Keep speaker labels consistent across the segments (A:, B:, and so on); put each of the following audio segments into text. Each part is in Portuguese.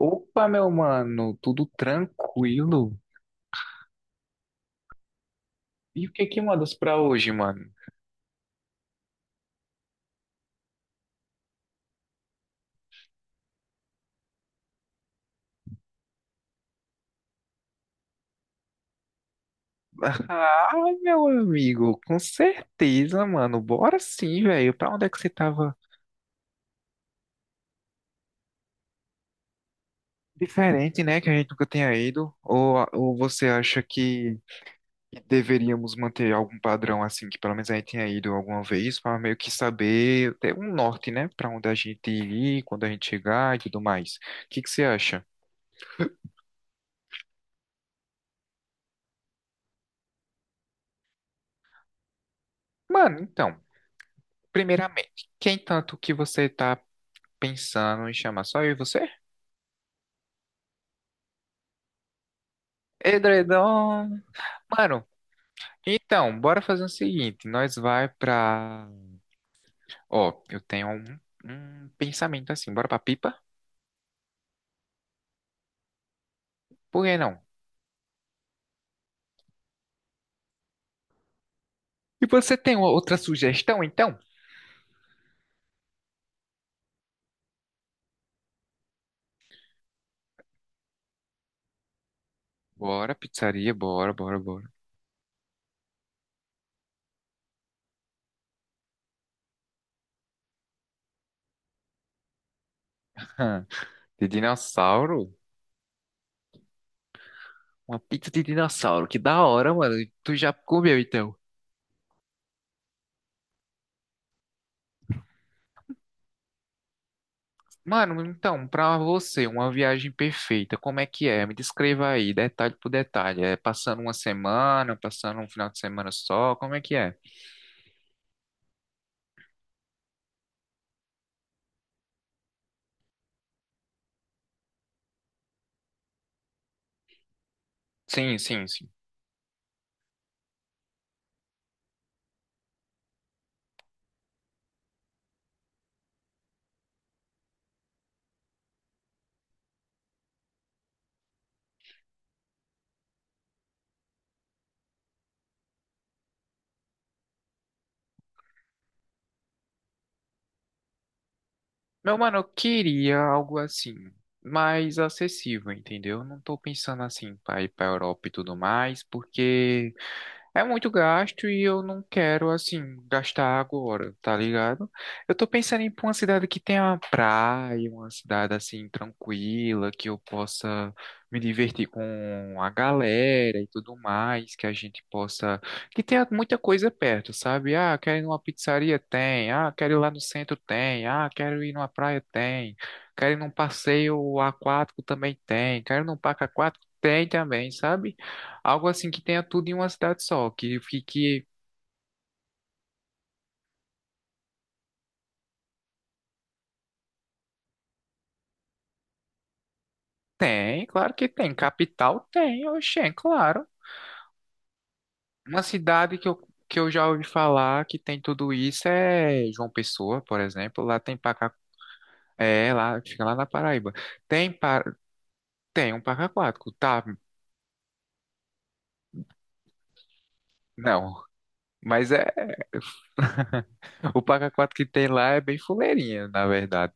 A: Opa, meu mano, tudo tranquilo? E o que que mandas pra hoje, mano? Ah, meu amigo, com certeza, mano. Bora sim, velho. Pra onde é que você tava? Diferente, né? Que a gente nunca tenha ido. Ou você acha que deveríamos manter algum padrão assim, que pelo menos a gente tenha ido alguma vez, pra meio que saber, ter um norte, né? Pra onde a gente ir, quando a gente chegar e tudo mais. O que que você acha? Mano, então, primeiramente, quem tanto que você tá pensando em chamar só eu e você? Edredom! Mano, então, bora fazer o seguinte. Nós vai pra... Ó, eu tenho um pensamento assim. Bora pra pipa? Por que não? E você tem uma outra sugestão, então? Bora, pizzaria, bora, bora, bora. De dinossauro? Uma pizza de dinossauro, que da hora, mano. Tu já comeu, então? Mano, então, pra você, uma viagem perfeita, como é que é? Me descreva aí, detalhe por detalhe. É passando uma semana, passando um final de semana só, como é que é? Sim, sim, sim. Meu mano, eu queria algo assim, mais acessível, entendeu? Eu não tô pensando assim pra ir pra Europa e tudo mais, porque é muito gasto e eu não quero, assim, gastar agora, tá ligado? Eu tô pensando em ir pra uma cidade que tenha uma praia, uma cidade, assim, tranquila, que eu possa me divertir com a galera e tudo mais, que a gente possa... Que tenha muita coisa perto, sabe? Ah, quero ir numa pizzaria? Tem. Ah, quero ir lá no centro? Tem. Ah, quero ir numa praia? Tem. Quero ir num passeio aquático? Também tem. Quero ir num parque aquático? Tem também, sabe? Algo assim que tenha tudo em uma cidade só, que fique. Tem, claro que tem. Capital tem, oxê, claro. Uma cidade que eu já ouvi falar que tem tudo isso é João Pessoa, por exemplo. Lá tem parque. É, lá, fica lá na Paraíba. Tem, pa... Tem um parque aquático, tá? Não, mas é. O parque aquático que tem lá é bem fuleirinha, na verdade.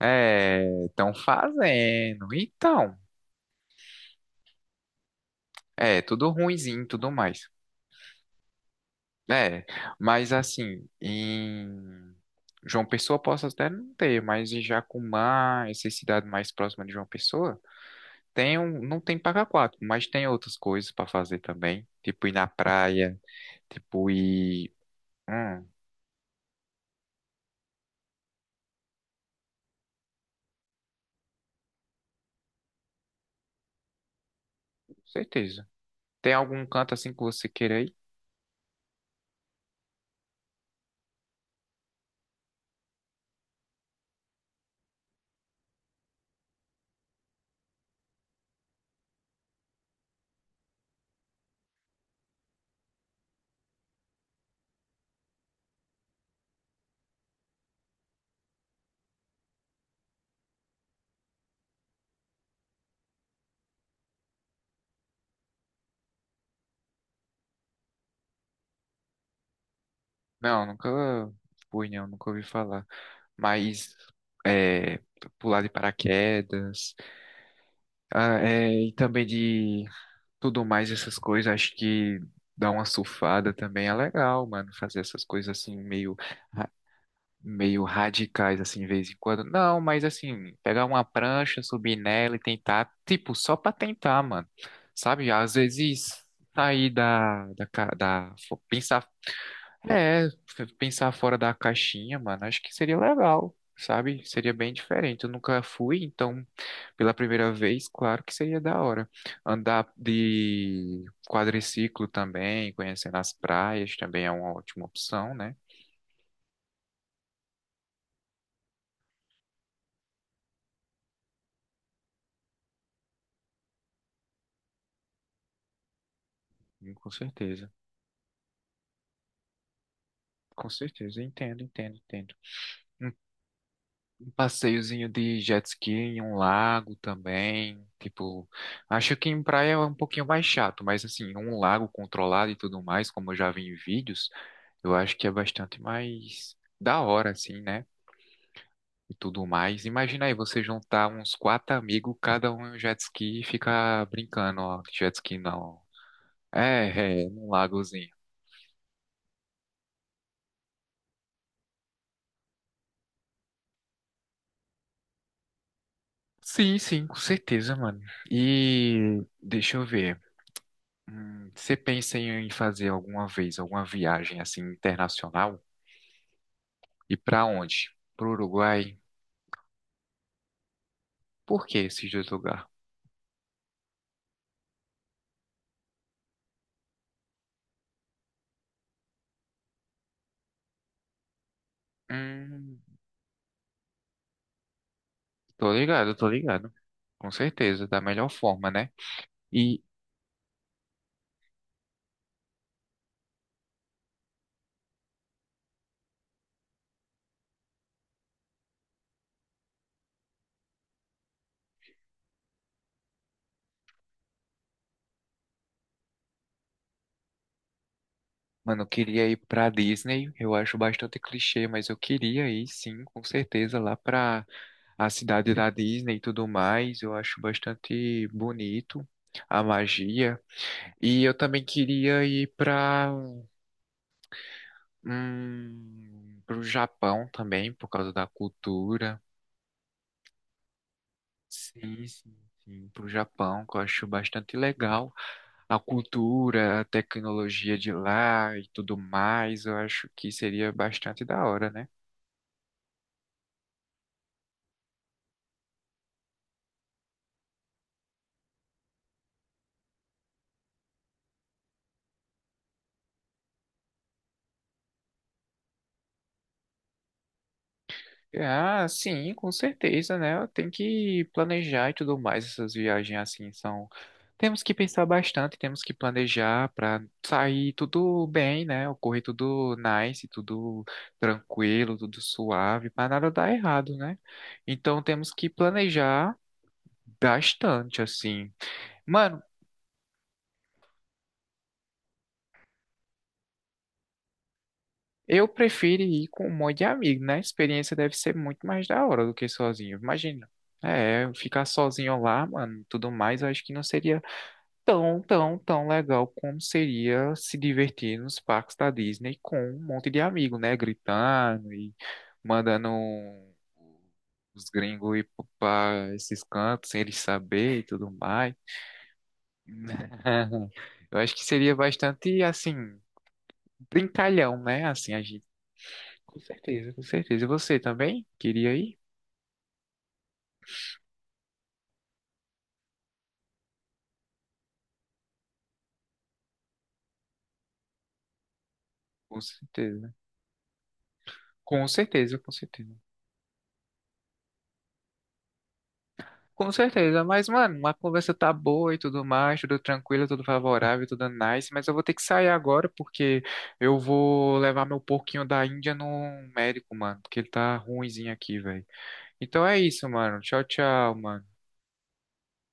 A: É, estão fazendo. Então, é, tudo ruinzinho e tudo mais. É, mas assim, em João Pessoa posso até não ter, mas em Jacumã, essa cidade mais próxima de João Pessoa, tem um, não tem paga quatro, mas tem outras coisas para fazer também, tipo ir na praia, tipo ir, hum, certeza. Tem algum canto assim que você queira ir? Não, nunca fui, não, nunca ouvi falar. Mas é, pular de paraquedas, ah, é, e também de tudo mais, essas coisas, acho que dar uma surfada também é legal, mano, fazer essas coisas assim meio ra- meio radicais assim de vez em quando. Não, mas assim, pegar uma prancha, subir nela e tentar, tipo, só pra tentar, mano. Sabe? Às vezes sair da da, ca- da fo- pensar é, pensar fora da caixinha, mano, acho que seria legal, sabe? Seria bem diferente. Eu nunca fui, então, pela primeira vez, claro que seria da hora. Andar de quadriciclo também, conhecendo as praias também é uma ótima opção, né? Com certeza. Com certeza, entendo, entendo, entendo. Um um passeiozinho de jet ski em um lago também, tipo, acho que em praia é um pouquinho mais chato, mas assim, um lago controlado e tudo mais, como eu já vi em vídeos, eu acho que é bastante mais da hora, assim, né? E tudo mais. Imagina aí você juntar uns quatro amigos, cada um em um jet ski e ficar brincando, ó. Jet ski não. É, é, num lagozinho. Sim, sim, com certeza, mano. E deixa eu ver. Você pensa em fazer alguma vez alguma viagem assim internacional? E pra onde? Pro Uruguai? Por que esses dois lugares? Hum, Tô ligado, tô ligado. Com certeza, da melhor forma, né? E mano, eu queria ir pra Disney. Eu acho bastante clichê, mas eu queria ir sim, com certeza, lá pra a cidade da Disney e tudo mais. Eu acho bastante bonito a magia. E eu também queria ir pro Japão também, por causa da cultura. Sim, sim, sim, pro Japão, que eu acho bastante legal. A cultura, a tecnologia de lá e tudo mais, eu acho que seria bastante da hora, né? Ah, sim, com certeza, né? Tem que planejar e tudo mais essas viagens assim são. Temos que pensar bastante, temos que planejar para sair tudo bem, né? Ocorrer tudo nice, tudo tranquilo, tudo suave, para nada dar errado, né? Então temos que planejar bastante assim. Mano, eu prefiro ir com um monte de amigo, né? A experiência deve ser muito mais da hora do que sozinho, imagina. É, ficar sozinho lá, mano, tudo mais, eu acho que não seria tão, tão, tão legal como seria se divertir nos parques da Disney com um monte de amigo, né? Gritando e mandando os gringos ir para esses cantos sem eles saber e tudo mais. Eu acho que seria bastante, assim, brincalhão, né? Assim, a gente. Com certeza, com certeza. E você também? Queria ir? Com certeza. Com certeza, com certeza. Com certeza, mas, mano, a conversa tá boa e tudo mais, tudo tranquilo, tudo favorável, tudo nice, mas eu vou ter que sair agora porque eu vou levar meu porquinho da Índia no médico, mano, porque ele tá ruinzinho aqui, velho. Então é isso, mano. Tchau, tchau, mano.